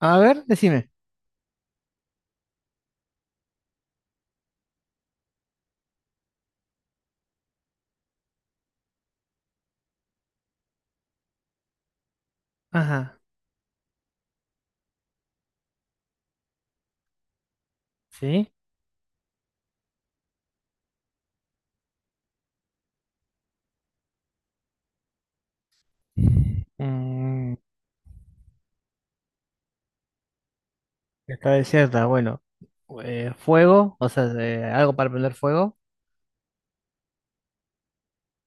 A ver, decime. Ajá, sí. Mm, está desierta, bueno. Fuego, o sea, algo para prender fuego,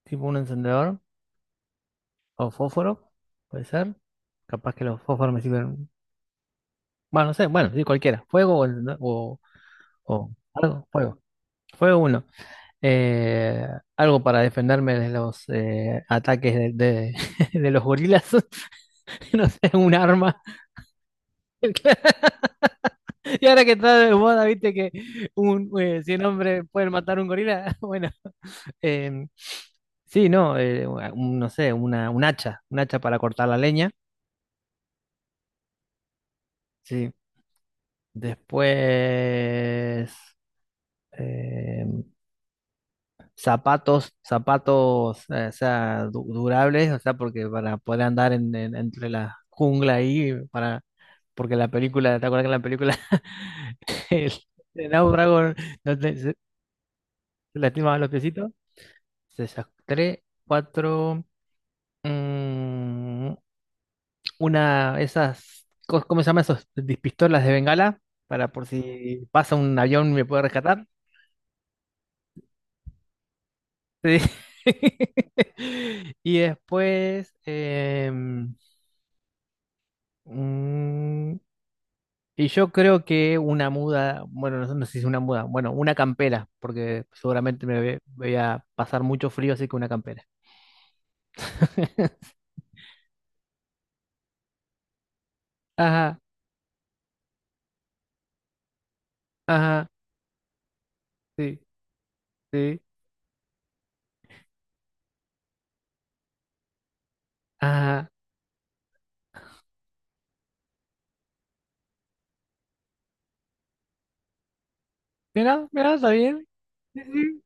tipo un encendedor o fósforo, puede ser. Capaz que los fósforos me sirven. Bueno, no sé, bueno, sí, cualquiera. Fuego. Fuego. Fuego uno. Eh, Algo para defenderme de los ataques de los gorilas. No sé, un arma. Y ahora que está de moda, viste que 100 hombres pueden matar un gorila. Bueno, eh, sí, no, no sé, un hacha para cortar la leña. Sí. Después, eh, zapatos, zapatos, o sea, durables, o sea, porque para poder andar entre la jungla ahí, para, porque la película, ¿te acuerdas que en la película el, el náufrago no te, se- se lastimaba los piecitos? Se sacaré cuatro. mm, una, esas. ¿Cómo se llaman esos? Pistolas de bengala. Para por si pasa un avión y me puede rescatar. Sí. Y después. Mm, y yo creo que una muda. Bueno, no, no sé si es una muda. Bueno, una campera. Porque seguramente voy a pasar mucho frío, así que una campera. Ajá, ajá, sí, sí, ajá. Mira, mira, está bien. Sí, sí.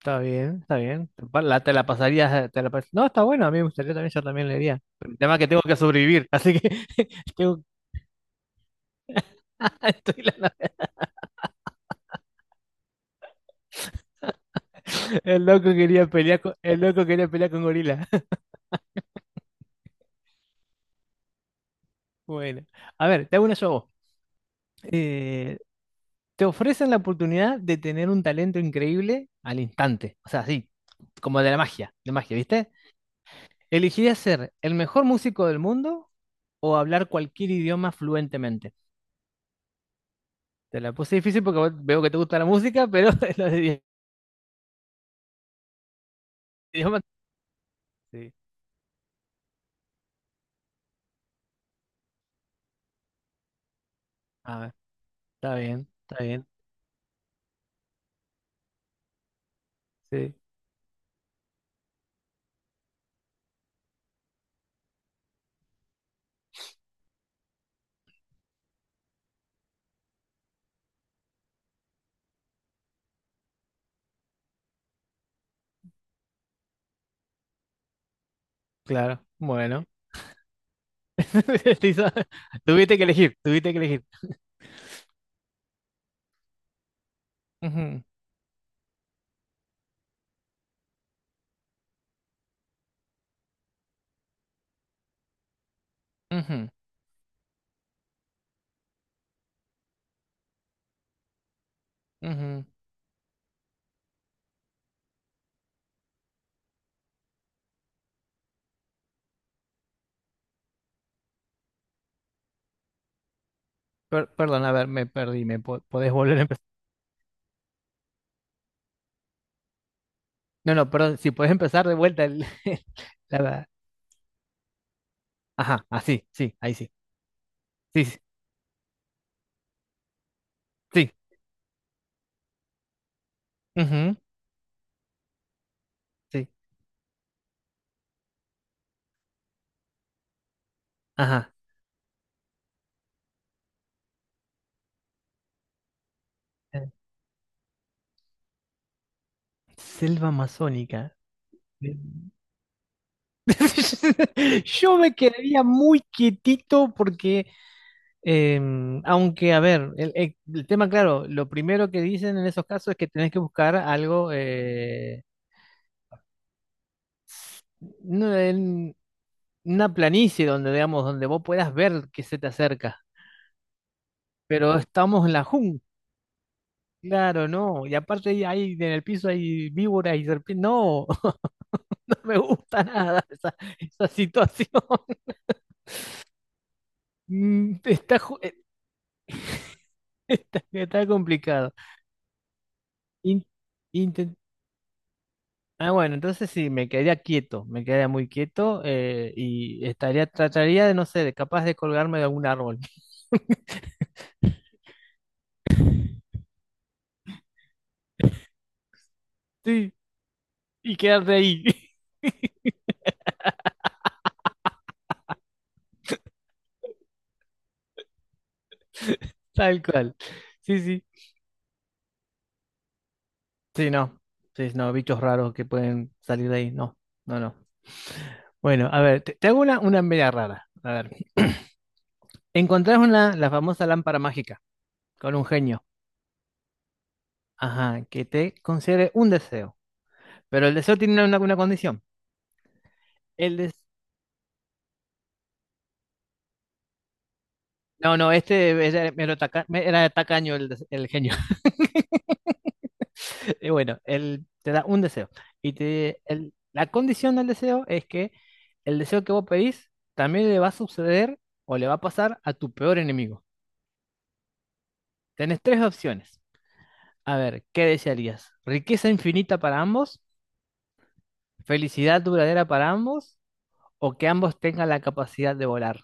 Está bien, está bien. Te la pasarías, no, está bueno, a mí me gustaría también, yo también leería. Pero el tema es que tengo que sobrevivir, así que tengo- estoy la- el loco quería pelear con, el loco quería pelear con gorila. Bueno, a ver, te hago una yo a vos. Eh, Te ofrecen la oportunidad de tener un talento increíble al instante, o sea, así, como de la magia, de magia, ¿viste? ¿Elegirías ser el mejor músico del mundo o hablar cualquier idioma fluentemente? Te la puse difícil porque veo que te gusta la música, pero los idi- idiomas. Sí. A ver, está bien, está bien. Sí, claro. Bueno. Te hizo- tuviste que elegir. Ujú, ujú, ujú. Perdón, a ver, me perdí. Podés volver a empezar? No, no, perdón. Si podés empezar de vuelta. El- la, la- Ajá, así, sí, ahí sí. Sí, sí, sí. Ujú, sí. Ajá. Eh, Selva amazónica. Sí. Yo me quedaría muy quietito porque aunque, a ver, el tema, claro, lo primero que dicen en esos casos es que tenés que buscar algo, no, en una planicie donde, digamos, donde vos puedas ver que se te acerca. Pero estamos en la jungla, claro, no. Y aparte ahí, ahí en el piso hay víboras y serpientes. No, no me gusta nada esa, esa situación. Mm, está, ju- está, está complicado. In- Ah, bueno, entonces sí, me quedaría quieto, me quedaría muy quieto y estaría, trataría de, no sé, de capaz de colgarme de algún árbol. Sí, y quedarte ahí, tal cual. Sí, sí. Sí, no. Sí, no, bichos raros que pueden salir de ahí. No, no, no. Bueno, a ver, te hago una media rara. A ver. Encontrás una, la famosa lámpara mágica con un genio. Ajá, que te concede un deseo. Pero el deseo tiene una condición. El deseo no, no, este era, era tacaño el genio. Y bueno, él te da un deseo. Y te, la condición del deseo es que el deseo que vos pedís también le va a suceder o le va a pasar a tu peor enemigo. Tenés tres opciones. A ver, ¿qué desearías? ¿Riqueza infinita para ambos? ¿Felicidad duradera para ambos? ¿O que ambos tengan la capacidad de volar?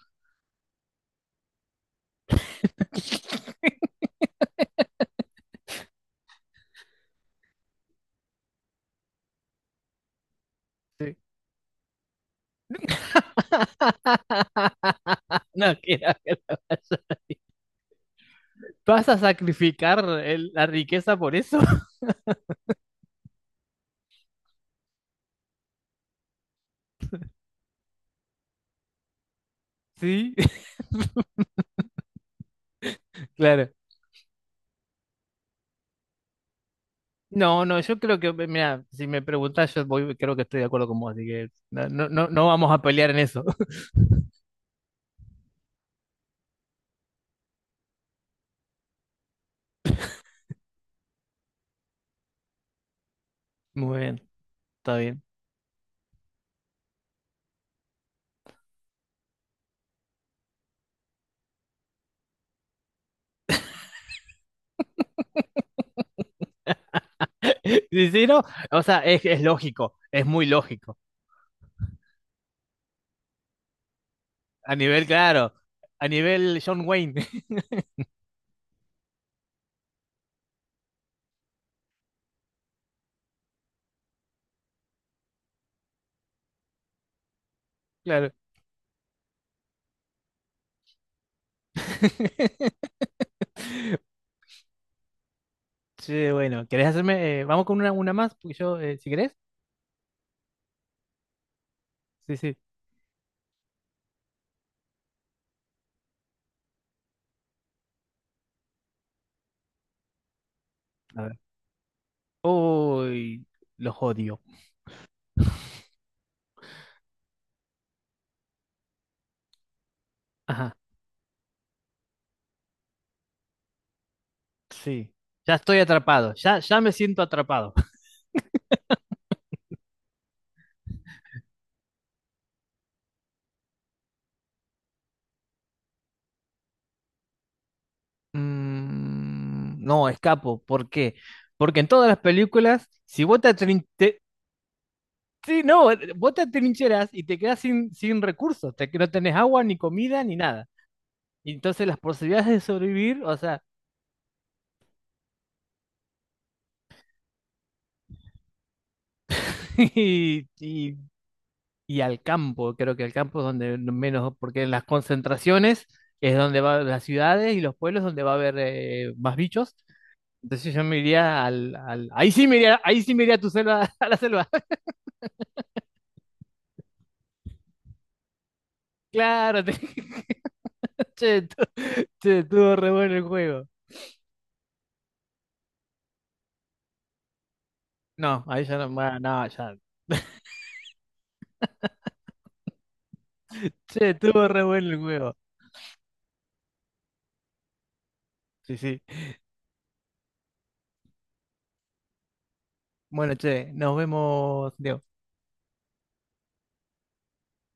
Sí. No, quiero ¿vas a sacrificar la riqueza por eso? Sí, claro. No, no, yo creo que, mira, si me preguntás, yo voy, creo que estoy de acuerdo con vos, así que no, no, no vamos a pelear en eso. Muy bien, está bien. Sí, sí, no, o sea, es lógico, es muy lógico. A nivel, claro, a nivel John Wayne, claro. Sí, bueno, ¿querés hacerme? Vamos con una más, porque yo, si querés. Sí, sí. A ver. Uy, los odio. Ajá, sí. Ya estoy atrapado, ya, ya me siento atrapado. Mm, no, escapo. ¿Por qué? Porque en todas las películas, si vos te, atrin- te- sí, no, vos te atrincheras y te quedas sin, sin recursos, te, que no tenés agua, ni comida, ni nada. Y entonces las posibilidades de sobrevivir, o sea, y, y- y al campo, creo que al campo es donde menos, porque en las concentraciones es donde van las ciudades y los pueblos donde va a haber más bichos. Entonces yo me iría ahí sí me iría, ahí sí me iría a tu selva, a la selva. Claro, te- Che, estuvo re bueno el juego. No, ahí ya no, bueno, no, ya. Che, estuvo re bueno el juego. Sí, sí. Bueno, che, nos vemos, Diego.